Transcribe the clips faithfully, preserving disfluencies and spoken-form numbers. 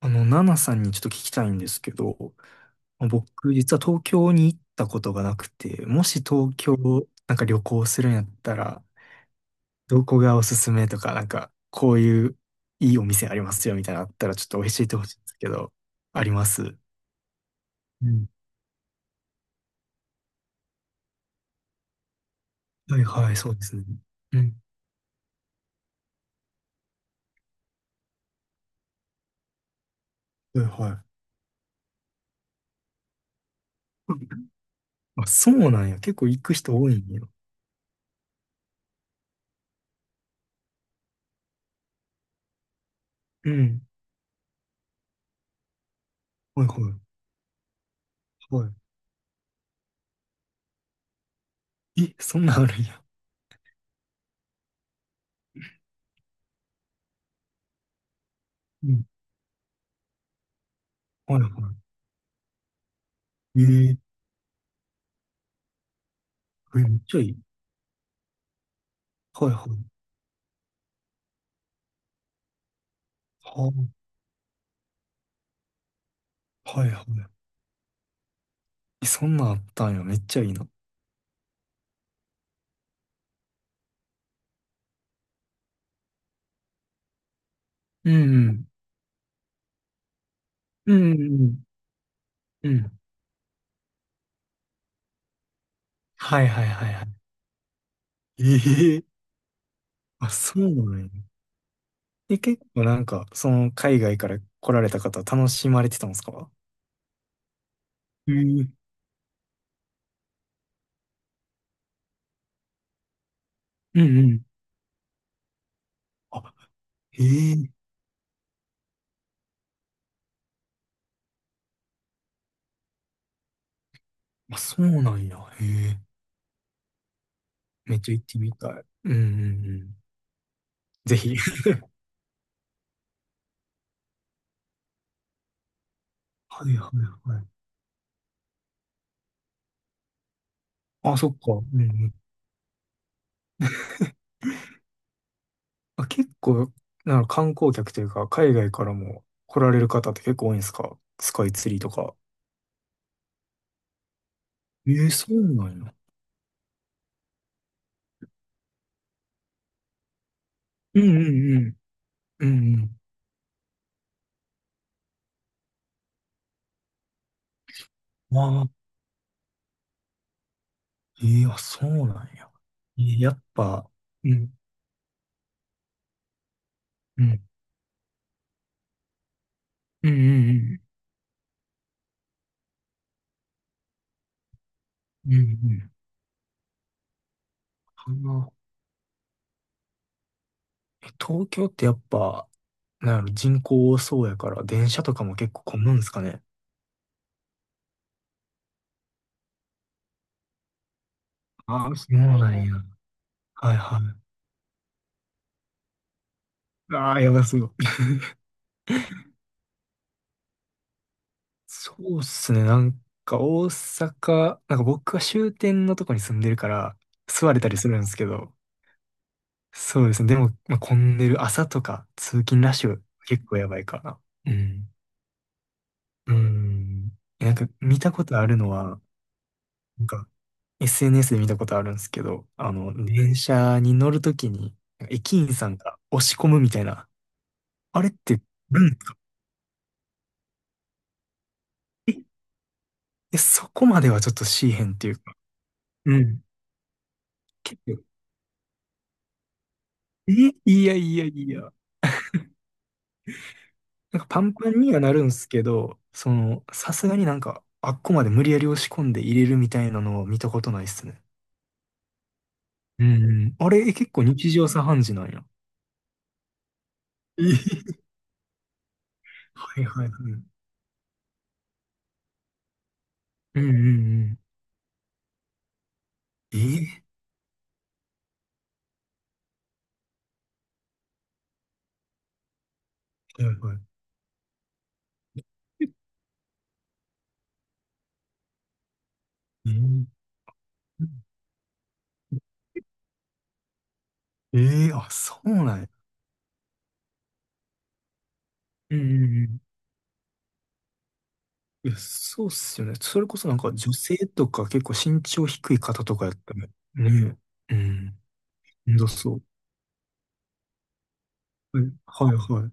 あの、ナナさんにちょっと聞きたいんですけど、僕、実は東京に行ったことがなくて、もし東京、なんか旅行するんやったら、どこがおすすめとか、なんか、こういういいお店ありますよみたいなのあったら、ちょっと教えてほしいんですけど、あります。うん。はいはい、そうですね。うん。はいはい。あ、そうなんや。結構行く人多いんや。うん。はいはい。はい。え、そんなんあるんや。うん。はいはい。えーえ、めっちゃいい。はいはい。はあ、はいはい。え、そんなんあったんや。めっちゃいいな。うん、うん、うん、うんうん。はいはいはいはい。ええ、あ、そうなんや。で、結構なんか、その海外から来られた方楽しまれてたんですか？うん、ええ、うん、うん。あ、ええ、あ、そうなんや。へえ、めっちゃ行ってみたい。うんうんうん。ぜひ。はいはいはい。あ、そっか。うんうん。あ、結構、なんか観光客というか、海外からも来られる方って結構多いんですか？スカイツリーとか。ええ、そうなんや。うんうんうん。うんうん。まあ、ええ、あ、そうなんや。ええ、やっぱ、うんうんうんうんうんうんうん、あの、え、東京ってやっぱ、なんやろ、人口多そうやから、電車とかも結構混むんすかね？ああ、そうなんや。はいはい。ああ、やばそう。そうっすね。なんか大阪、なんか僕は終点のとこに住んでるから、座れたりするんですけど、そうですね。でも、まあ、混んでる朝とか通勤ラッシュ結構やばいかな。うん。うん。え、なんか見たことあるのは、なんか エスエヌエス で見たことあるんですけど、あの、電車に乗るときに駅員さんが押し込むみたいな、あれってあるんですか？え、え、そこまではちょっとしーへんっていうか。うん。結構、え、いやいやいや。なんかパンパンにはなるんですけど、その、さすがになんか、あっこまで無理やり押し込んで入れるみたいなのを見たことないっすね。うん。あれ、え、結構日常茶飯事なんや。えー、はいはいはい。うん。うんうんうん、えー、はいはい。えええー、あ、そうなんや。うんうんうん。いや、そうっすよね。それこそなんか女性とか結構身長低い方とかやったらねえ。うん。運そう。はいはいはい。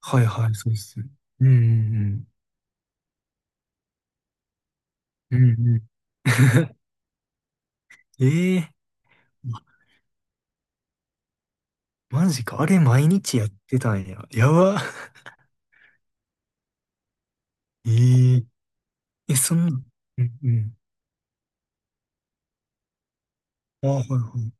はいはい、そうっすね。うんうんうん。うんうん。ええ、マジか。あれ毎日やってたんや。やば。ええ、え、そんな、うんうん。あ、はいはい。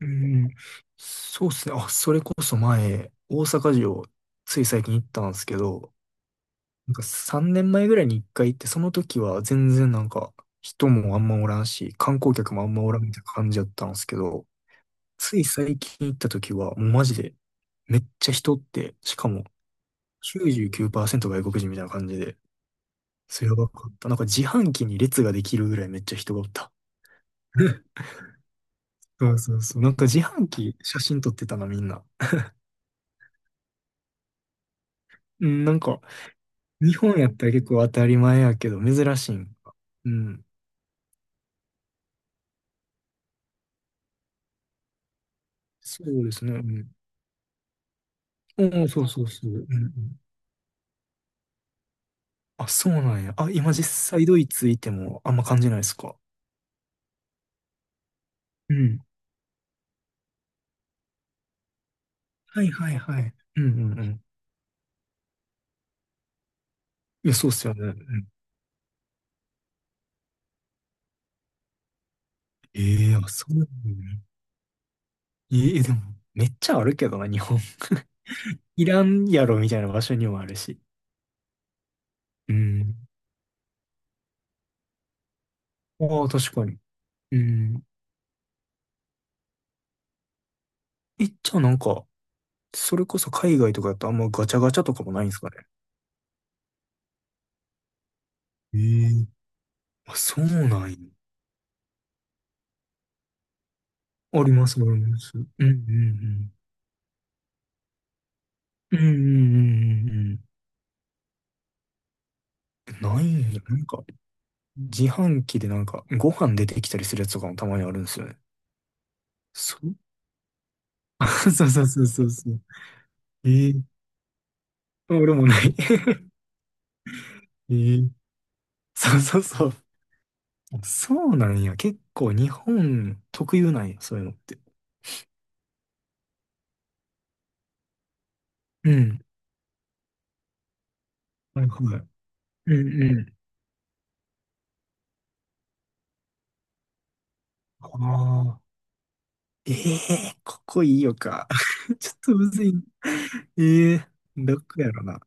うんうん。そうっすね。あ、それこそ前、大阪城、つい最近行ったんですけど、なんかさんねんまえぐらいにいっかい行って、その時は全然なんか人もあんまおらんし、観光客もあんまおらんみたいな感じだったんですけど、つい最近行った時は、もうマジで、めっちゃ人って、しかもきゅうじゅうきゅうパーセント外国人みたいな感じで、それやばかった。なんか自販機に列ができるぐらいめっちゃ人がおった。そうそうそう。なんか自販機写真撮ってたな、みんな。うん、なんか、日本やったら結構当たり前やけど、珍しいんか。うん。そうですね。うん。うん、そうそうそう。うんうん。あ、そうなんや。あ、今実際ドイツいてもあんま感じないですか？うん。はいはいはい。うんうんうん。いや、そうっすよね。うん。ええ、あ、そうなんやね。ええ、でも、めっちゃあるけどな、日本。いらんやろ、みたいな場所にもあるし。うん。ああ、確かに。うん。え、じゃあなんか、それこそ海外とかだとあんまガチャガチャとかもないんですかね？ええ、あ、そうなんや。あります、あります。うんうんうん。うんうんうんうんうんうんうん、ないんや。なんか、自販機でなんか、ご飯出てきたりするやつとかもたまにあるんですよね。そう そうそうそうそうそう。ええ、あ、俺もない。ええ、そうそうそう。そうなんや。結構日本特有なんや、そういうのって。うん。はいはい。うんうん。ああ。ええー、ここいいよか。ちょっとむずいな。ええー、どこやろな。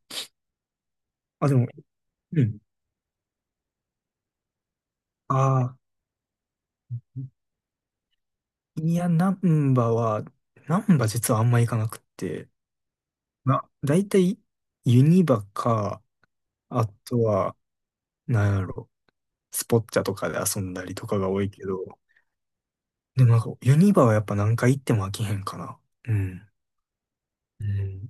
あ、でも、うん。ああ、いや、ナンバは、ナンバ実はあんま行かなくって、な、だいたいユニバか、あとは、なんやろ、スポッチャとかで遊んだりとかが多いけど、でもなんか、ユニバはやっぱ何回行っても飽きへんかな。うん。うん。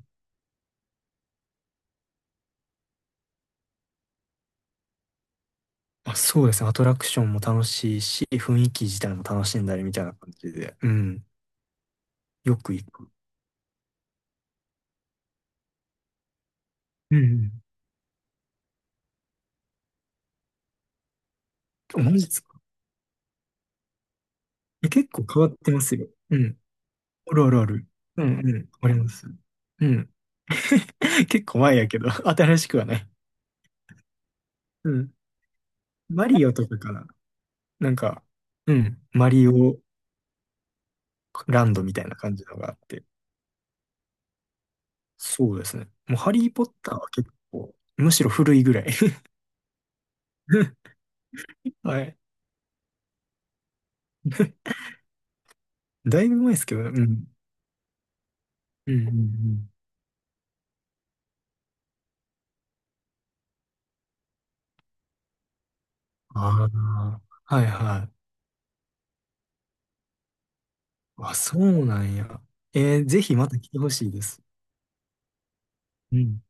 あ、そうですね。アトラクションも楽しいし、雰囲気自体も楽しんだりみたいな感じで、うん。よく行く。うん。あ、マジですか？え、結構変わってますよ。うん。あるあるある。うんうん。あります。うん。結構前やけど、新しくはない。うん。マリオとかかな。なんか、うん。マリオランドみたいな感じのがあって。そうですね。もうハリー・ポッターは結構、むしろ古いぐらい。はい。だいぶ前ですけどね。うん。うんうんうん。ああ、はいはい。あ、そうなんや。えーぜひまた来てほしいです。うん。